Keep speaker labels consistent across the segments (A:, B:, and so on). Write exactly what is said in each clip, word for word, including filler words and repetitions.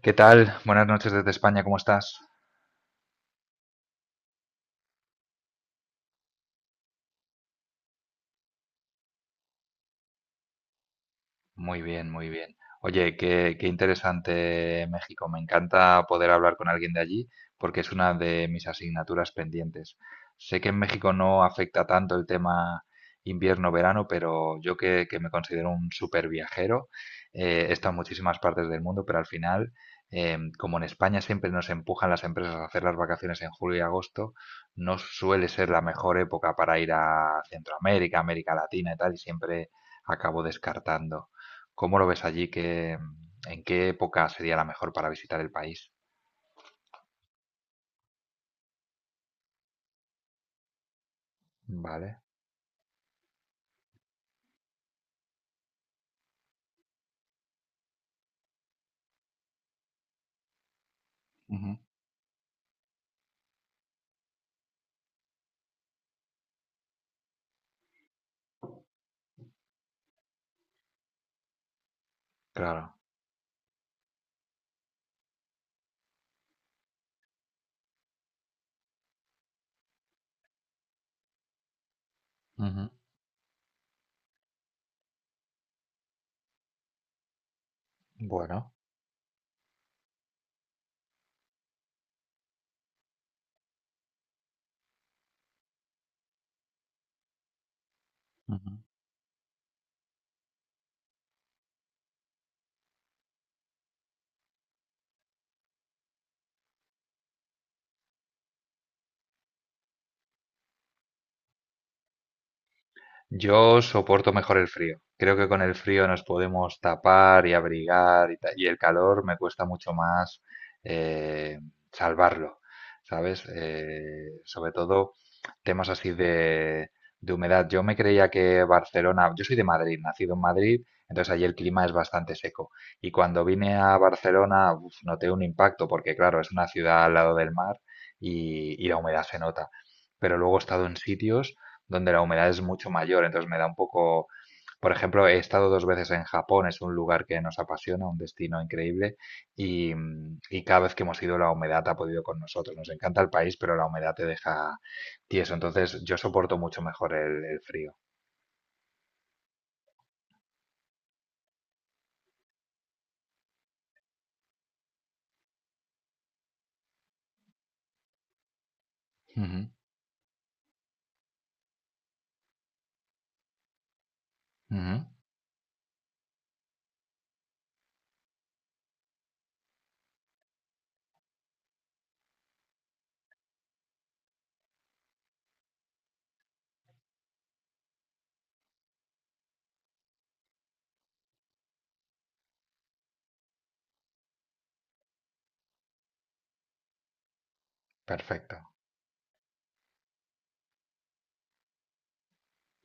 A: ¿Qué tal? Buenas noches desde España, ¿cómo estás? Muy bien, muy bien. Oye, qué, qué interesante México. Me encanta poder hablar con alguien de allí porque es una de mis asignaturas pendientes. Sé que en México no afecta tanto el tema invierno-verano, pero yo que, que me considero un súper viajero, eh, he estado en muchísimas partes del mundo, pero al final, eh, como en España siempre nos empujan las empresas a hacer las vacaciones en julio y agosto, no suele ser la mejor época para ir a Centroamérica, América Latina y tal, y siempre acabo descartando. ¿Cómo lo ves allí? ¿Qué, en qué época sería la mejor para visitar el país? Vale. Ujú. Claro. Ujú. Bueno. Ujú. Yo soporto mejor el frío. Creo que con el frío nos podemos tapar y abrigar y, ta- y el calor me cuesta mucho más eh, salvarlo, ¿sabes? Eh, sobre todo temas así de, de humedad. Yo me creía que Barcelona, yo soy de Madrid, nacido en Madrid, entonces allí el clima es bastante seco. Y cuando vine a Barcelona, uf, noté un impacto porque claro, es una ciudad al lado del mar y y la humedad se nota. Pero luego he estado en sitios donde la humedad es mucho mayor, entonces me da un poco. Por ejemplo, he estado dos veces en Japón, es un lugar que nos apasiona, un destino increíble, y, mm, y cada vez que hemos ido la humedad ha podido con nosotros. Nos encanta el país, pero la humedad te deja tieso, entonces yo soporto mucho mejor el, el frío. Ujú, ujú, perfecto,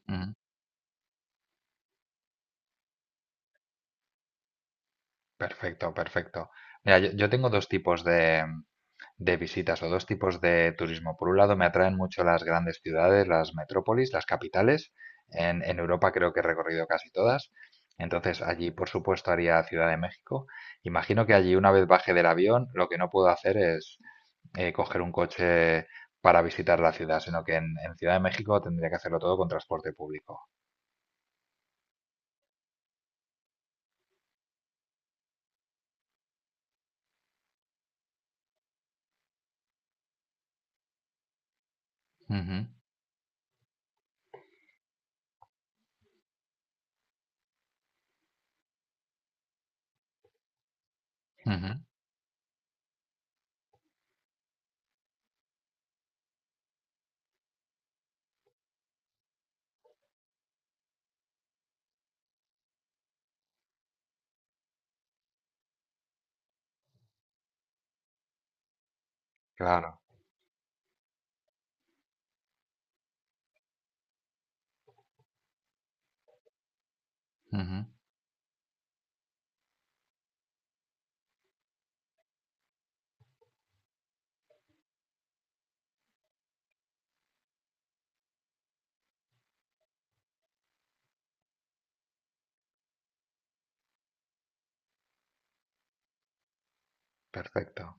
A: ujú. Perfecto, perfecto. Mira, yo, yo tengo dos tipos de visitas o dos tipos de turismo. Por un lado, me atraen mucho las grandes ciudades, las metrópolis, las capitales. En, en Europa creo que he recorrido casi todas. Entonces, allí, por supuesto, haría Ciudad de México. Imagino que allí, una vez baje del avión, lo que no puedo hacer es eh, coger un coche para visitar la ciudad, sino que en, en Ciudad de México tendría que hacerlo todo con transporte público. Ujú, ujú, claro, ujú, perfecto.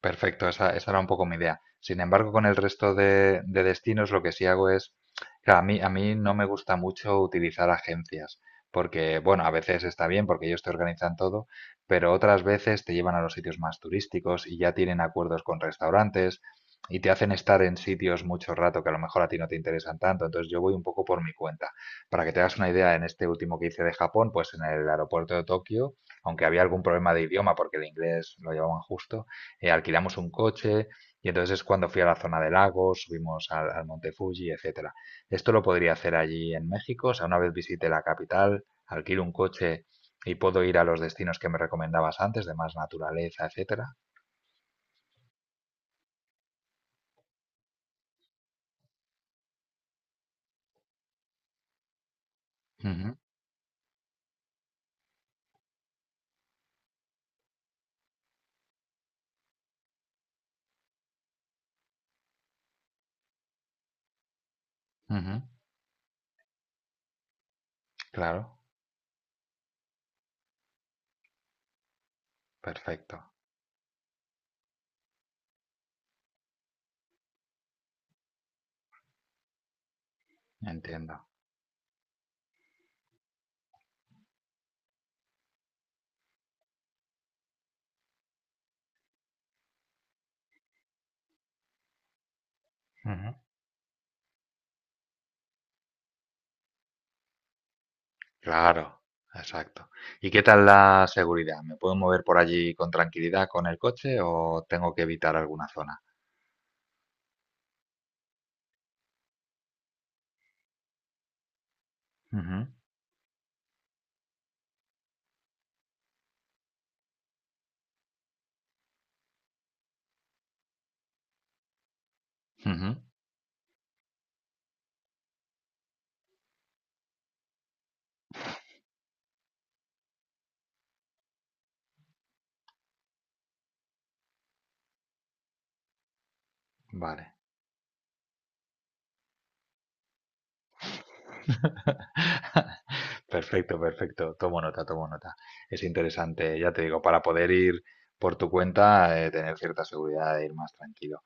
A: Perfecto, esa, esa era un poco mi idea. Sin embargo, con el resto de, de destinos, lo que sí hago es, claro, a mí, a mí no me gusta mucho utilizar agencias, porque, bueno, a veces está bien porque ellos te organizan todo, pero otras veces te llevan a los sitios más turísticos y ya tienen acuerdos con restaurantes y te hacen estar en sitios mucho rato que a lo mejor a ti no te interesan tanto. Entonces yo voy un poco por mi cuenta. Para que te hagas una idea, en este último que hice de Japón, pues en el aeropuerto de Tokio, aunque había algún problema de idioma porque el inglés lo llevaban justo, eh, alquilamos un coche y entonces es cuando fui a la zona de lagos, subimos al, al Monte Fuji, etcétera. Esto lo podría hacer allí en México, o sea, una vez visite la capital, alquilo un coche y puedo ir a los destinos que me recomendabas antes, de más naturaleza, etcétera. Ujú, ujú, claro, perfecto, entiendo. Ujú, claro, exacto. ¿Y qué tal la seguridad? ¿Me puedo mover por allí con tranquilidad con el coche o tengo que evitar alguna zona? Ujú, ujú, vale. Perfecto, perfecto. Tomo nota, tomo nota. Es interesante, ya te digo, para poder ir por tu cuenta, eh, tener cierta seguridad de ir más tranquilo.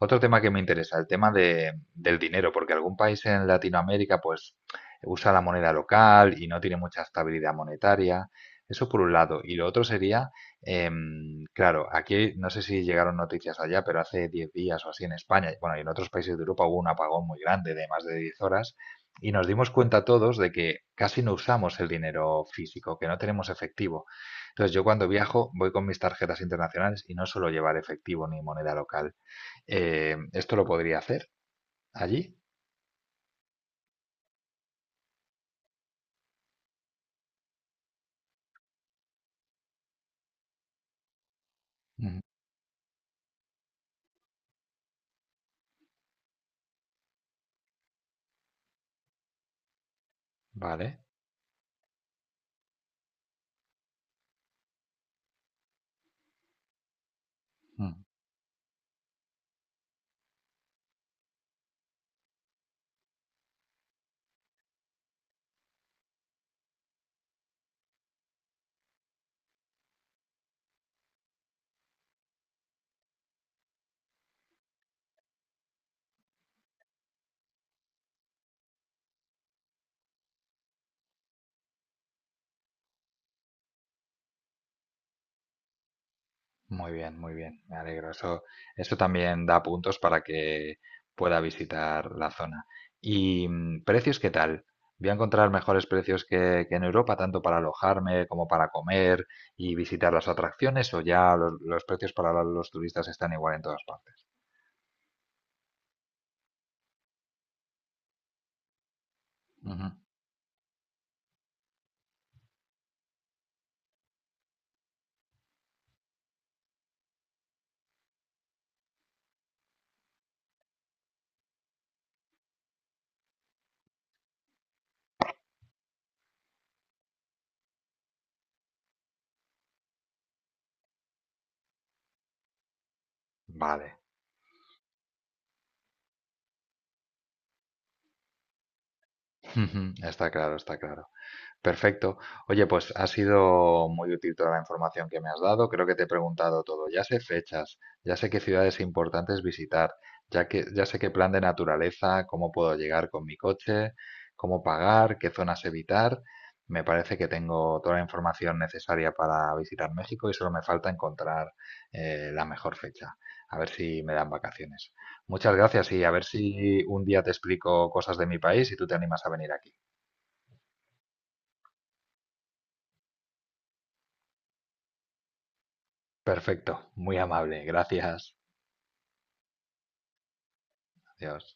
A: Otro tema que me interesa, el tema de, del dinero, porque algún país en Latinoamérica pues usa la moneda local y no tiene mucha estabilidad monetaria. Eso por un lado. Y lo otro sería, em, claro, aquí no sé si llegaron noticias allá, pero hace diez días o así en España, bueno, y en otros países de Europa hubo un apagón muy grande de más de diez horas y nos dimos cuenta todos de que casi no usamos el dinero físico, que no tenemos efectivo. Entonces yo cuando viajo voy con mis tarjetas internacionales y no suelo llevar efectivo ni moneda local. Eh, ¿esto lo podría hacer allí? Ujú. Vale. Mm. Muy bien, muy bien, me alegro. Eso, eso también da puntos para que pueda visitar la zona. ¿Y mm, precios qué tal? ¿Voy a encontrar mejores precios que, que en Europa, tanto para alojarme como para comer y visitar las atracciones? ¿O ya los, los precios para los turistas están igual en todas partes? Ujú. Vale, está claro, está claro. Perfecto. Oye, pues ha sido muy útil toda la información que me has dado. Creo que te he preguntado todo. Ya sé fechas, ya sé qué ciudades importantes visitar, ya que ya sé qué plan de naturaleza, cómo puedo llegar con mi coche, cómo pagar, qué zonas evitar. Me parece que tengo toda la información necesaria para visitar México y solo me falta encontrar, eh, la mejor fecha. A ver si me dan vacaciones. Muchas gracias y a ver si un día te explico cosas de mi país y tú te animas a venir aquí. Perfecto, muy amable, gracias. Adiós.